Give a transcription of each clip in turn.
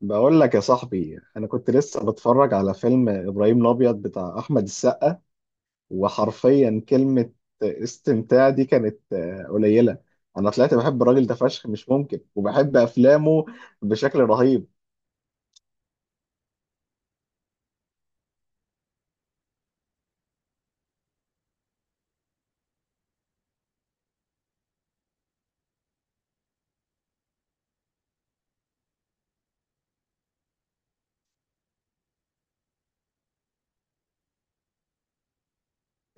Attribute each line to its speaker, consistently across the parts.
Speaker 1: بقول لك يا صاحبي، انا كنت لسه بتفرج على فيلم ابراهيم الابيض بتاع احمد السقا. وحرفيا كلمة استمتاع دي كانت قليلة. انا طلعت بحب الراجل ده فشخ، مش ممكن، وبحب افلامه بشكل رهيب.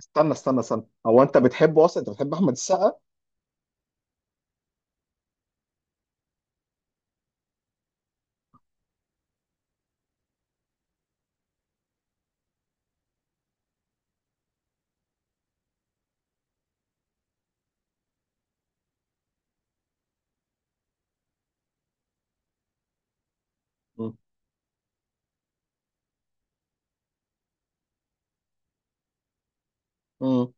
Speaker 1: استنى، هو انت بتحبه اصلا؟ انت بتحب احمد السقا؟ مم.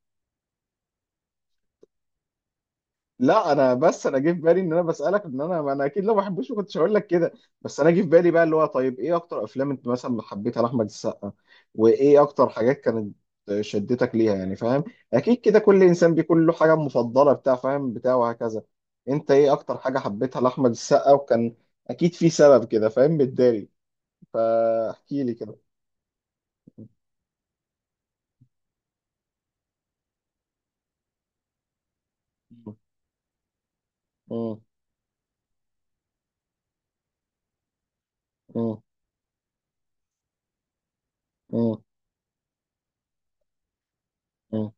Speaker 1: لا انا بس انا جه في بالي ان انا بسالك، ان انا اكيد لو ما بحبوش ما كنتش هقول لك كده. بس انا جه في بالي بقى، اللي هو طيب، ايه اكتر افلام انت مثلا حبيتها لاحمد السقا؟ وايه اكتر حاجات كانت شدتك ليها؟ يعني فاهم، اكيد كده كل انسان بيكون له حاجه مفضله بتاع، فاهم، بتاع وهكذا. انت ايه اكتر حاجه حبيتها لاحمد السقا؟ وكان اكيد في سبب كده، فاهم متداري، فاحكي لي كده. مم. مم. مم. مم.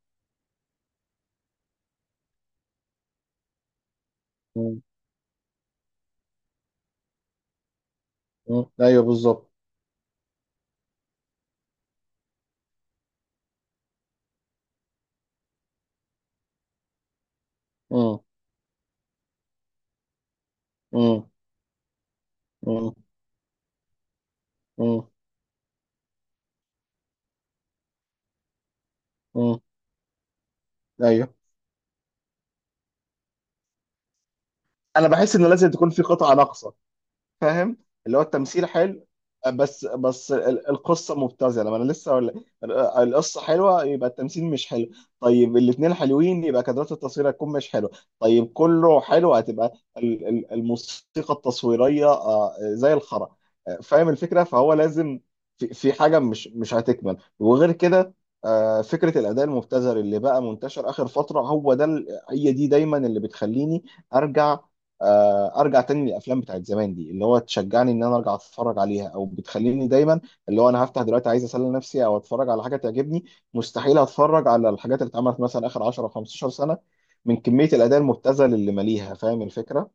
Speaker 1: مم. مم. ايوه بالظبط. مم. مم. مم. مم. مم. ايوه. انا بحس ان لازم تكون في قطعه ناقصه، فاهم. اللي هو التمثيل حلو بس ال- القصه مبتذله، ما انا لسه ولا. القصه حلوه، يبقى التمثيل مش حلو. طيب الاثنين حلوين، يبقى كادرات التصوير هتكون مش حلوه. طيب كله حلو، هتبقى ال- ال- الموسيقى التصويريه زي الخرا. فاهم الفكره؟ فهو لازم في حاجه مش هتكمل، وغير كده فكره الاداء المبتذل اللي بقى منتشر اخر فتره، هو ده ال-، هي دي دايما اللي بتخليني ارجع. ارجع تاني للافلام بتاعت زمان دي، اللي هو تشجعني ان انا ارجع اتفرج عليها، او بتخليني دايما اللي هو انا هفتح دلوقتي عايز اسلي نفسي او اتفرج على حاجه تعجبني، مستحيل اتفرج على الحاجات اللي اتعملت مثلا اخر 10 او 15 سنه، من كميه الاداء المبتذل اللي ماليها. فاهم الفكره؟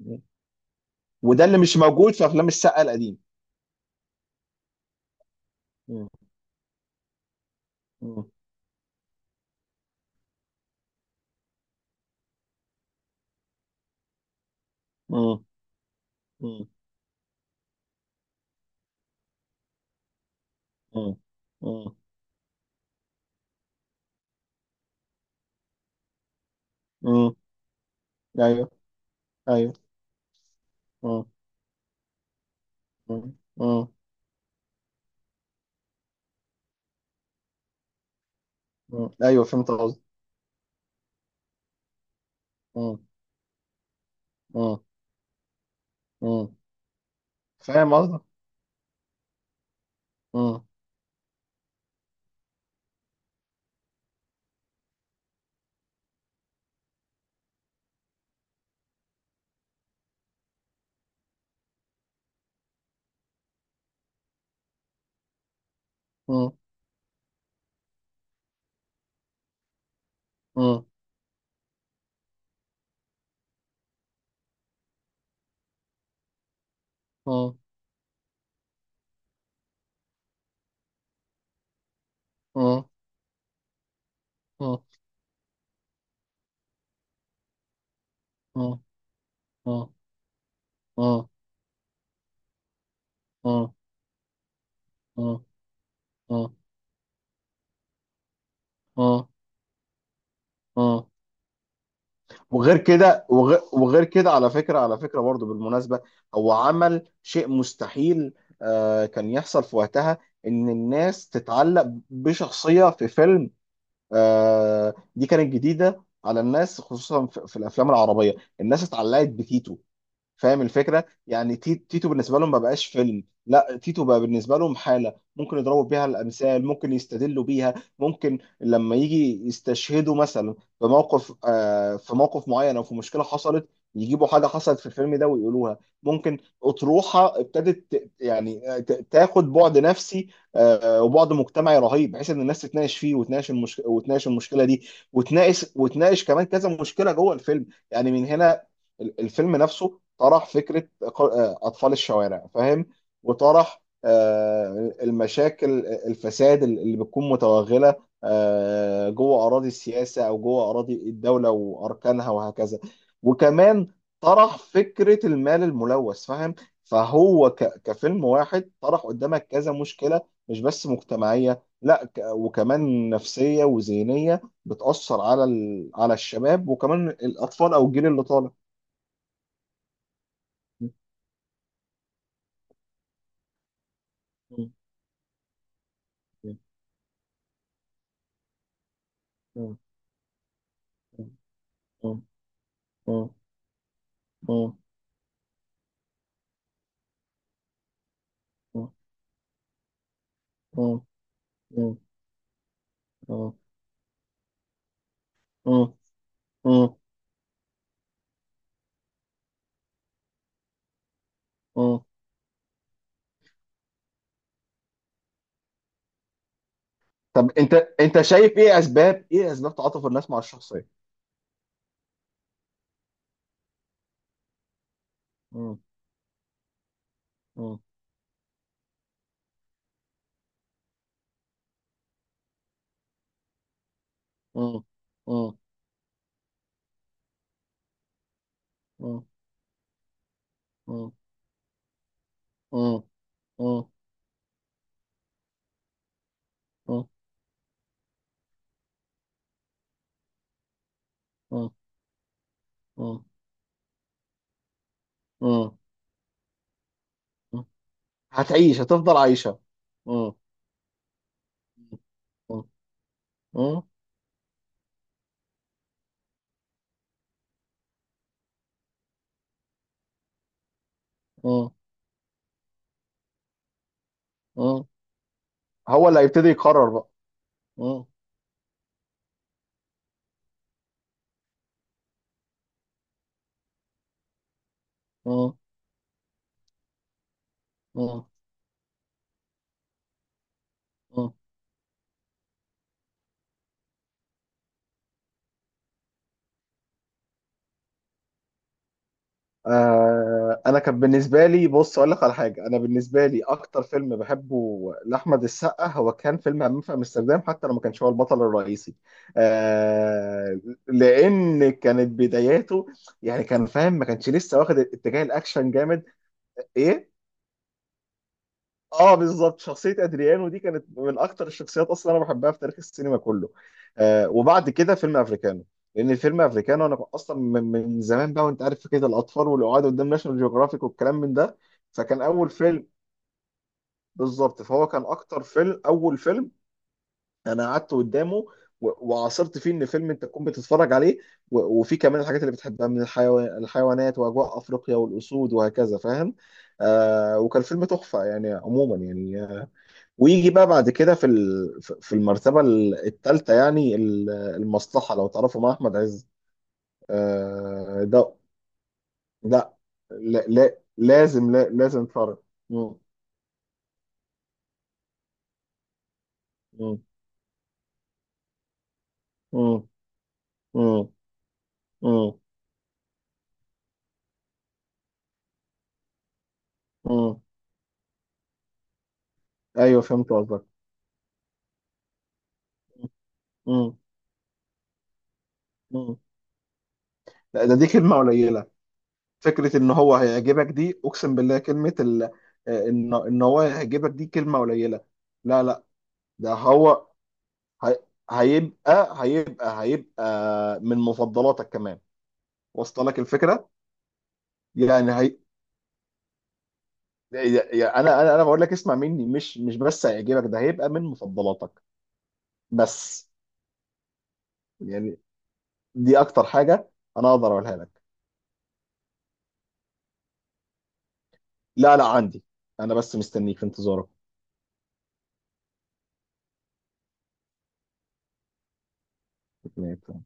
Speaker 1: م. وده اللي مش موجود في افلام السقا القديم. م. م. م. م. م. م. م. ايوه، ايوه. م. م. م. م. ايوه فهمت قصدي. فاهم قصدك. م. اه. اه. اه. اه. اه. اه. اه. اه. اه. اه. اه. اه. اه. وغير كده، وغير كده على فكرة، على فكرة برضو بالمناسبة، هو عمل شيء مستحيل آه كان يحصل في وقتها، ان الناس تتعلق بشخصية في فيلم. آه دي كانت جديدة على الناس، خصوصا في الافلام العربية. الناس اتعلقت بتيتو. فاهم الفكره؟ يعني تي- تيتو بالنسبه لهم ما بقاش فيلم، لا، تيتو بقى بالنسبه لهم حاله، ممكن يضربوا بيها الامثال، ممكن يستدلوا بيها، ممكن لما يجي يستشهدوا مثلا في موقف، في موقف معين او في مشكله حصلت، يجيبوا حاجه حصلت في الفيلم ده ويقولوها. ممكن اطروحه ابتدت ت- يعني ت- تاخد بعد نفسي وبعد مجتمعي رهيب، بحيث ان الناس تتناقش فيه، وتناقش المشكله، وتناقش المشكله دي، وتناقش، وتناقش كمان كذا مشكله جوه الفيلم. يعني من هنا ال- الفيلم نفسه طرح فكرة ق- أطفال الشوارع، فاهم. وطرح المشاكل، الفساد اللي بتكون متوغلة جوه أراضي السياسة، أو جوه أراضي الدولة وأركانها وهكذا، وكمان طرح فكرة المال الملوث، فاهم. فهو ك- كفيلم واحد طرح قدامك كذا مشكلة، مش بس مجتمعية، لا، ك- وكمان نفسية وذهنية، بتأثر على ال- على الشباب وكمان الأطفال أو الجيل اللي طالع. مم. مم. مم. مم. مم. مم. مم. مم. مم. مم. مم. مم. طب انت، انت شايف ايه اسباب، ايه اسباب تعاطف الناس مع الشخصيه؟ مم. مم. مم. مم. مم. مم. مم. مم. مم. مم. مم. مم. هتعيش، هتفضل عايشه. مم. مم. مم. مم. مم. هو اللي هيبتدي يقرر بقى. مم. مم. مم. آه، انا كان بالنسبه لي، بص اقول لك على حاجه، انا بالنسبه لي اكتر فيلم بحبه لاحمد السقا هو كان فيلم همام في امستردام، حتى لو ما كانش هو البطل الرئيسي. آه، لان كانت بداياته، يعني كان، فاهم، ما كانش لسه واخد اتجاه الاكشن جامد. ايه؟ اه بالظبط، شخصية ادريانو دي كانت من اكتر الشخصيات اصلا انا بحبها في تاريخ السينما كله. آه، وبعد كده فيلم افريكانو، لان الفيلم افريكانو انا اصلا من زمان بقى، وانت عارف فكرة الاطفال والقعاد قدام ناشونال جيوغرافيك والكلام من ده. فكان اول فيلم. بالظبط، فهو كان اكتر فيلم، اول فيلم انا قعدت قدامه و- وعاصرت فيه ان فيلم انت تكون بتتفرج عليه، و- وفي كمان الحاجات اللي بتحبها من الحيوان، الحيوانات، واجواء افريقيا والاسود وهكذا، فاهم. آه، وكان فيلم تحفة يعني، عموما يعني. ويجي بقى بعد كده في ال- في المرتبة الثالثة يعني ال- المصلحة، لو تعرفوا، مع أحمد عز. ده. لا، لا لازم، لا لازم فرق. مم، مم، مم، مم، مم، مم. أيوه فهمت قصدك. مم، مم. لا، ده دي كلمة قليلة. فكرة إن هو هيعجبك دي، أقسم بالله، كلمة ال... إن هو هيعجبك دي كلمة قليلة. لا ده هو، هي-، هيبقى من مفضلاتك كمان، وصل لك الفكره؟ يعني هي... يعني انا بقول لك اسمع مني، مش بس هيعجبك، ده هيبقى من مفضلاتك. بس يعني دي اكتر حاجه انا اقدر اقولها لك. لا عندي. انا بس مستنيك في انتظارك.